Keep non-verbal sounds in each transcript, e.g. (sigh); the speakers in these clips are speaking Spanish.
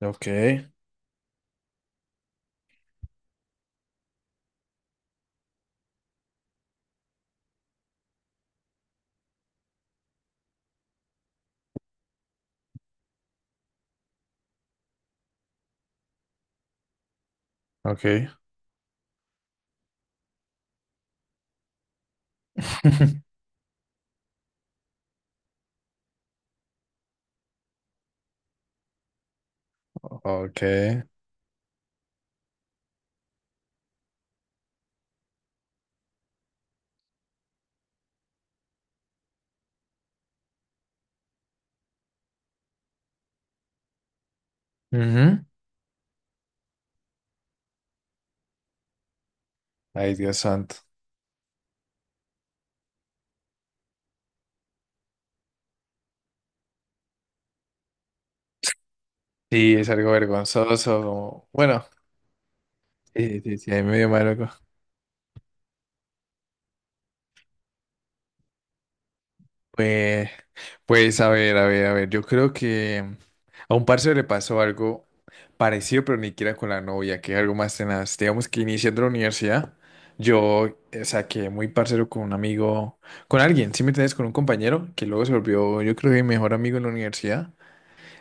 Ok, ok. (laughs) Ok. Ujú. Ay, Dios santo. Sí, es algo vergonzoso. Bueno, sí, sí, sí, ahí medio maluco. Pues, pues, a ver, a ver, a ver. Yo creo que a un parce le pasó algo parecido, pero ni siquiera con la novia, que es algo más tenaz. Digamos que iniciando la universidad, yo saqué muy parcero con un amigo, con alguien, ¿sí me entiendes? Con un compañero, que luego se volvió, yo creo que mi mejor amigo en la universidad.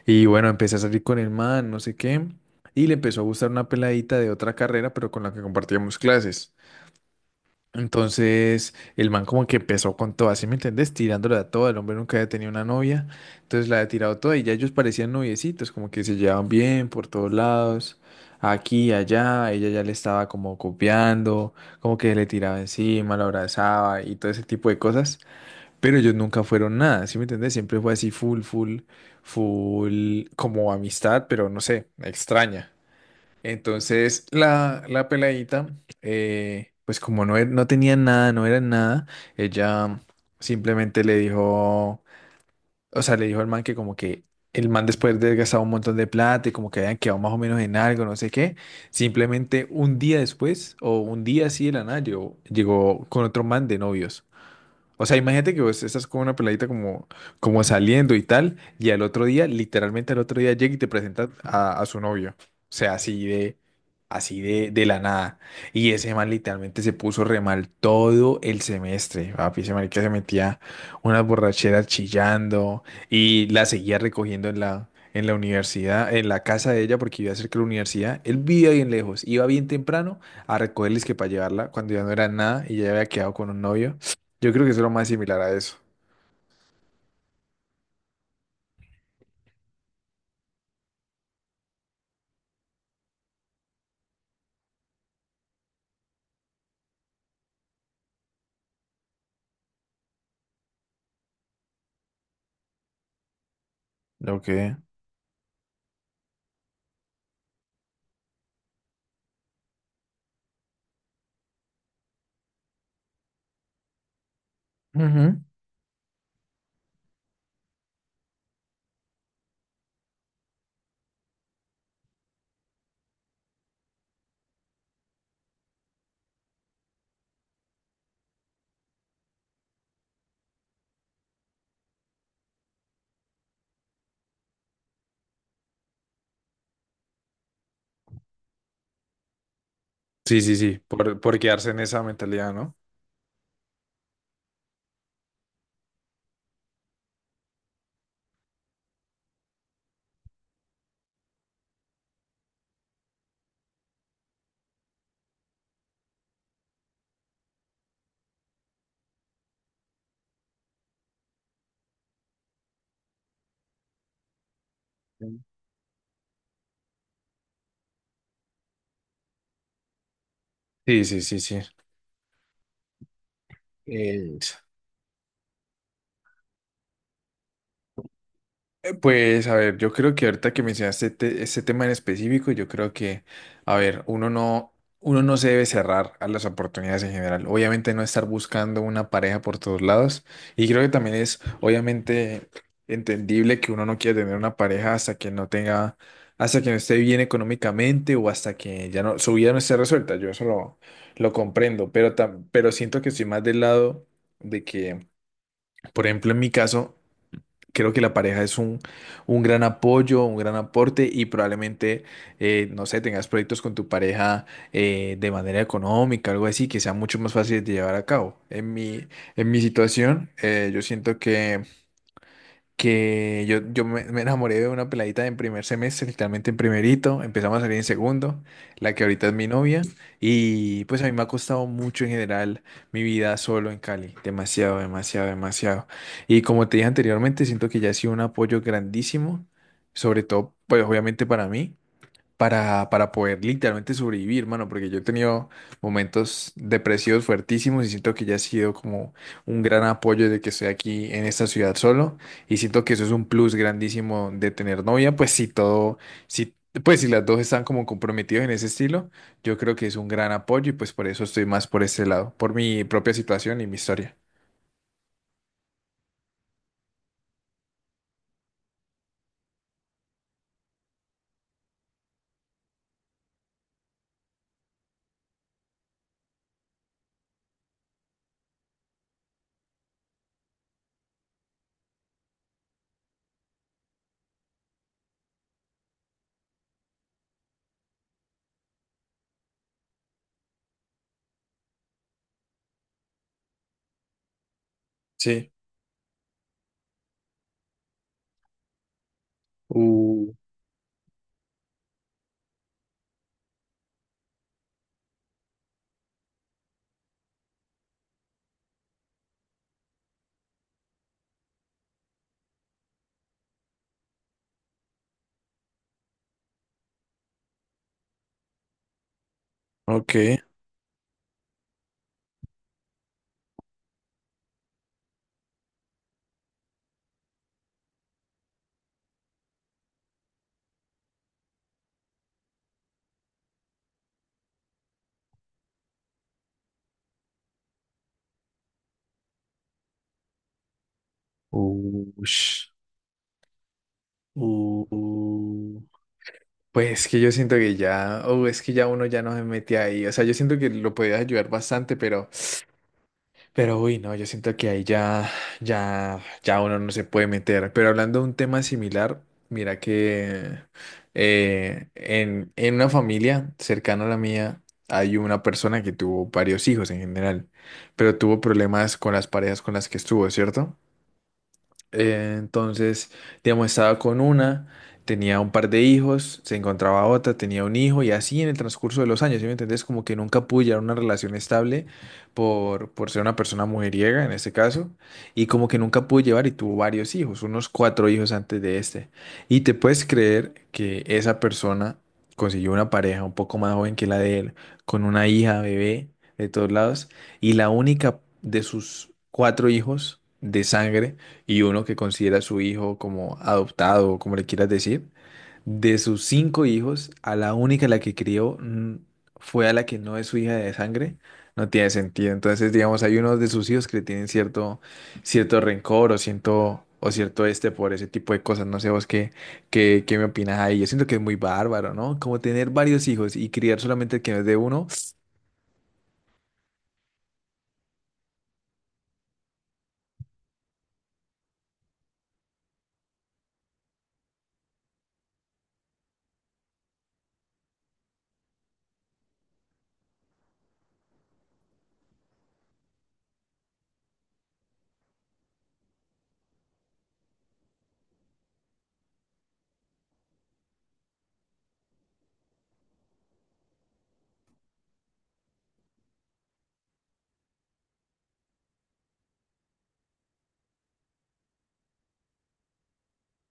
Y bueno, empecé a salir con el man, no sé qué, y le empezó a gustar una peladita de otra carrera, pero con la que compartíamos clases. Entonces, el man como que empezó con todo, ¿así me entendés? Tirándola a todo, el hombre nunca había tenido una novia, entonces la había tirado toda y ya ellos parecían noviecitos, como que se llevaban bien por todos lados, aquí, allá, ella ya le estaba como copiando, como que le tiraba encima, la abrazaba y todo ese tipo de cosas. Pero ellos nunca fueron nada, ¿sí me entiendes? Siempre fue así full, full, full, como amistad, pero no sé, extraña. Entonces la peladita, pues como no, no tenía nada, no era nada, ella simplemente le dijo, o sea, le dijo al man que como que el man después de haber gastado un montón de plata y como que habían quedado más o menos en algo, no sé qué, simplemente un día después o un día así de la nada llegó, llegó con otro man de novios. O sea, imagínate que vos estás con una peladita como, como saliendo y tal, y al otro día, literalmente al otro día llega y te presenta a su novio. O sea, así de la nada. Y ese man literalmente se puso re mal todo el semestre. Papi, ese marica se metía unas borracheras chillando y la seguía recogiendo en la universidad, en la casa de ella, porque iba cerca de la universidad. Él vivía bien lejos, iba bien temprano a recogerles que para llevarla cuando ya no era nada y ya había quedado con un novio. Yo creo que es lo más similar a eso. Ok. Ujú. Sí, sí, sí, por quedarse en esa mentalidad, ¿no? Sí, sí, sí, sí. Eh, Pues a ver, yo creo que ahorita que mencionaste este tema en específico, yo creo que, a ver, uno no se debe cerrar a las oportunidades en general. Obviamente no estar buscando una pareja por todos lados. Y creo que también es obviamente entendible que uno no quiera tener una pareja hasta que no tenga, hasta que no esté bien económicamente o hasta que ya no, su vida no esté resuelta. Yo eso lo comprendo, pero, pero siento que estoy más del lado de que, por ejemplo, en mi caso, creo que la pareja es un gran apoyo, un gran aporte y probablemente, no sé, tengas proyectos con tu pareja de manera económica, algo así, que sea mucho más fácil de llevar a cabo. En mi situación, yo siento que me enamoré de una peladita en primer semestre, literalmente en primerito, empezamos a salir en segundo, la que ahorita es mi novia, y pues a mí me ha costado mucho en general mi vida solo en Cali, demasiado, demasiado, demasiado. Y como te dije anteriormente, siento que ya ha sido un apoyo grandísimo, sobre todo, pues obviamente para mí para poder literalmente sobrevivir, mano, porque yo he tenido momentos depresivos fuertísimos y siento que ya ha sido como un gran apoyo de que estoy aquí en esta ciudad solo y siento que eso es un plus grandísimo de tener novia, pues si todo, si, pues si las dos están como comprometidas en ese estilo, yo creo que es un gran apoyo y pues por eso estoy más por ese lado, por mi propia situación y mi historia. Sí. Uh. Ok. Uh, ush, uh. Pues que yo siento que ya, oh, es que ya uno ya no se mete ahí. O sea, yo siento que lo podías ayudar bastante, pero uy, no, yo siento que ahí ya, ya, ya uno no se puede meter. Pero hablando de un tema similar, mira que en una familia cercana a la mía hay una persona que tuvo varios hijos en general, pero tuvo problemas con las parejas con las que estuvo, ¿cierto? Entonces, digamos, estaba con una, tenía un par de hijos, se encontraba otra, tenía un hijo y así en el transcurso de los años, ¿sí me entendés? Como que nunca pude llevar una relación estable por ser una persona mujeriega en este caso y como que nunca pude llevar y tuvo varios hijos, unos cuatro hijos antes de este. Y te puedes creer que esa persona consiguió una pareja un poco más joven que la de él, con una hija, bebé, de todos lados, y la única de sus cuatro hijos de sangre, y uno que considera a su hijo como adoptado o como le quieras decir, de sus cinco hijos, a la única a la que crió fue a la que no es su hija de sangre, no tiene sentido. Entonces, digamos, hay unos de sus hijos que le tienen cierto, cierto rencor o cierto este por ese tipo de cosas. No sé vos qué, qué, qué me opinas ahí. Yo siento que es muy bárbaro, ¿no? Como tener varios hijos y criar solamente el que no es de uno.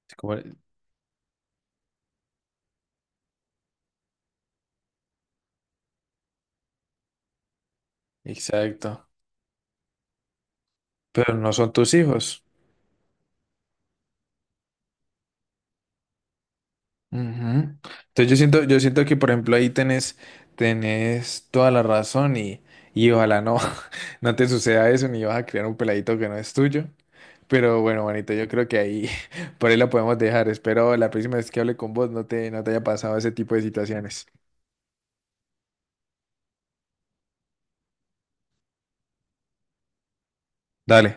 (sniffs) como- Exacto. Pero no son tus hijos. Ujú. Entonces yo siento que por ejemplo ahí tenés, tenés toda la razón y ojalá no, (laughs) no te suceda eso ni vas a criar un peladito que no es tuyo. Pero bueno, manito, yo creo que ahí (laughs) por ahí la podemos dejar. Espero la próxima vez que hable con vos no te, no te haya pasado ese tipo de situaciones. Dale.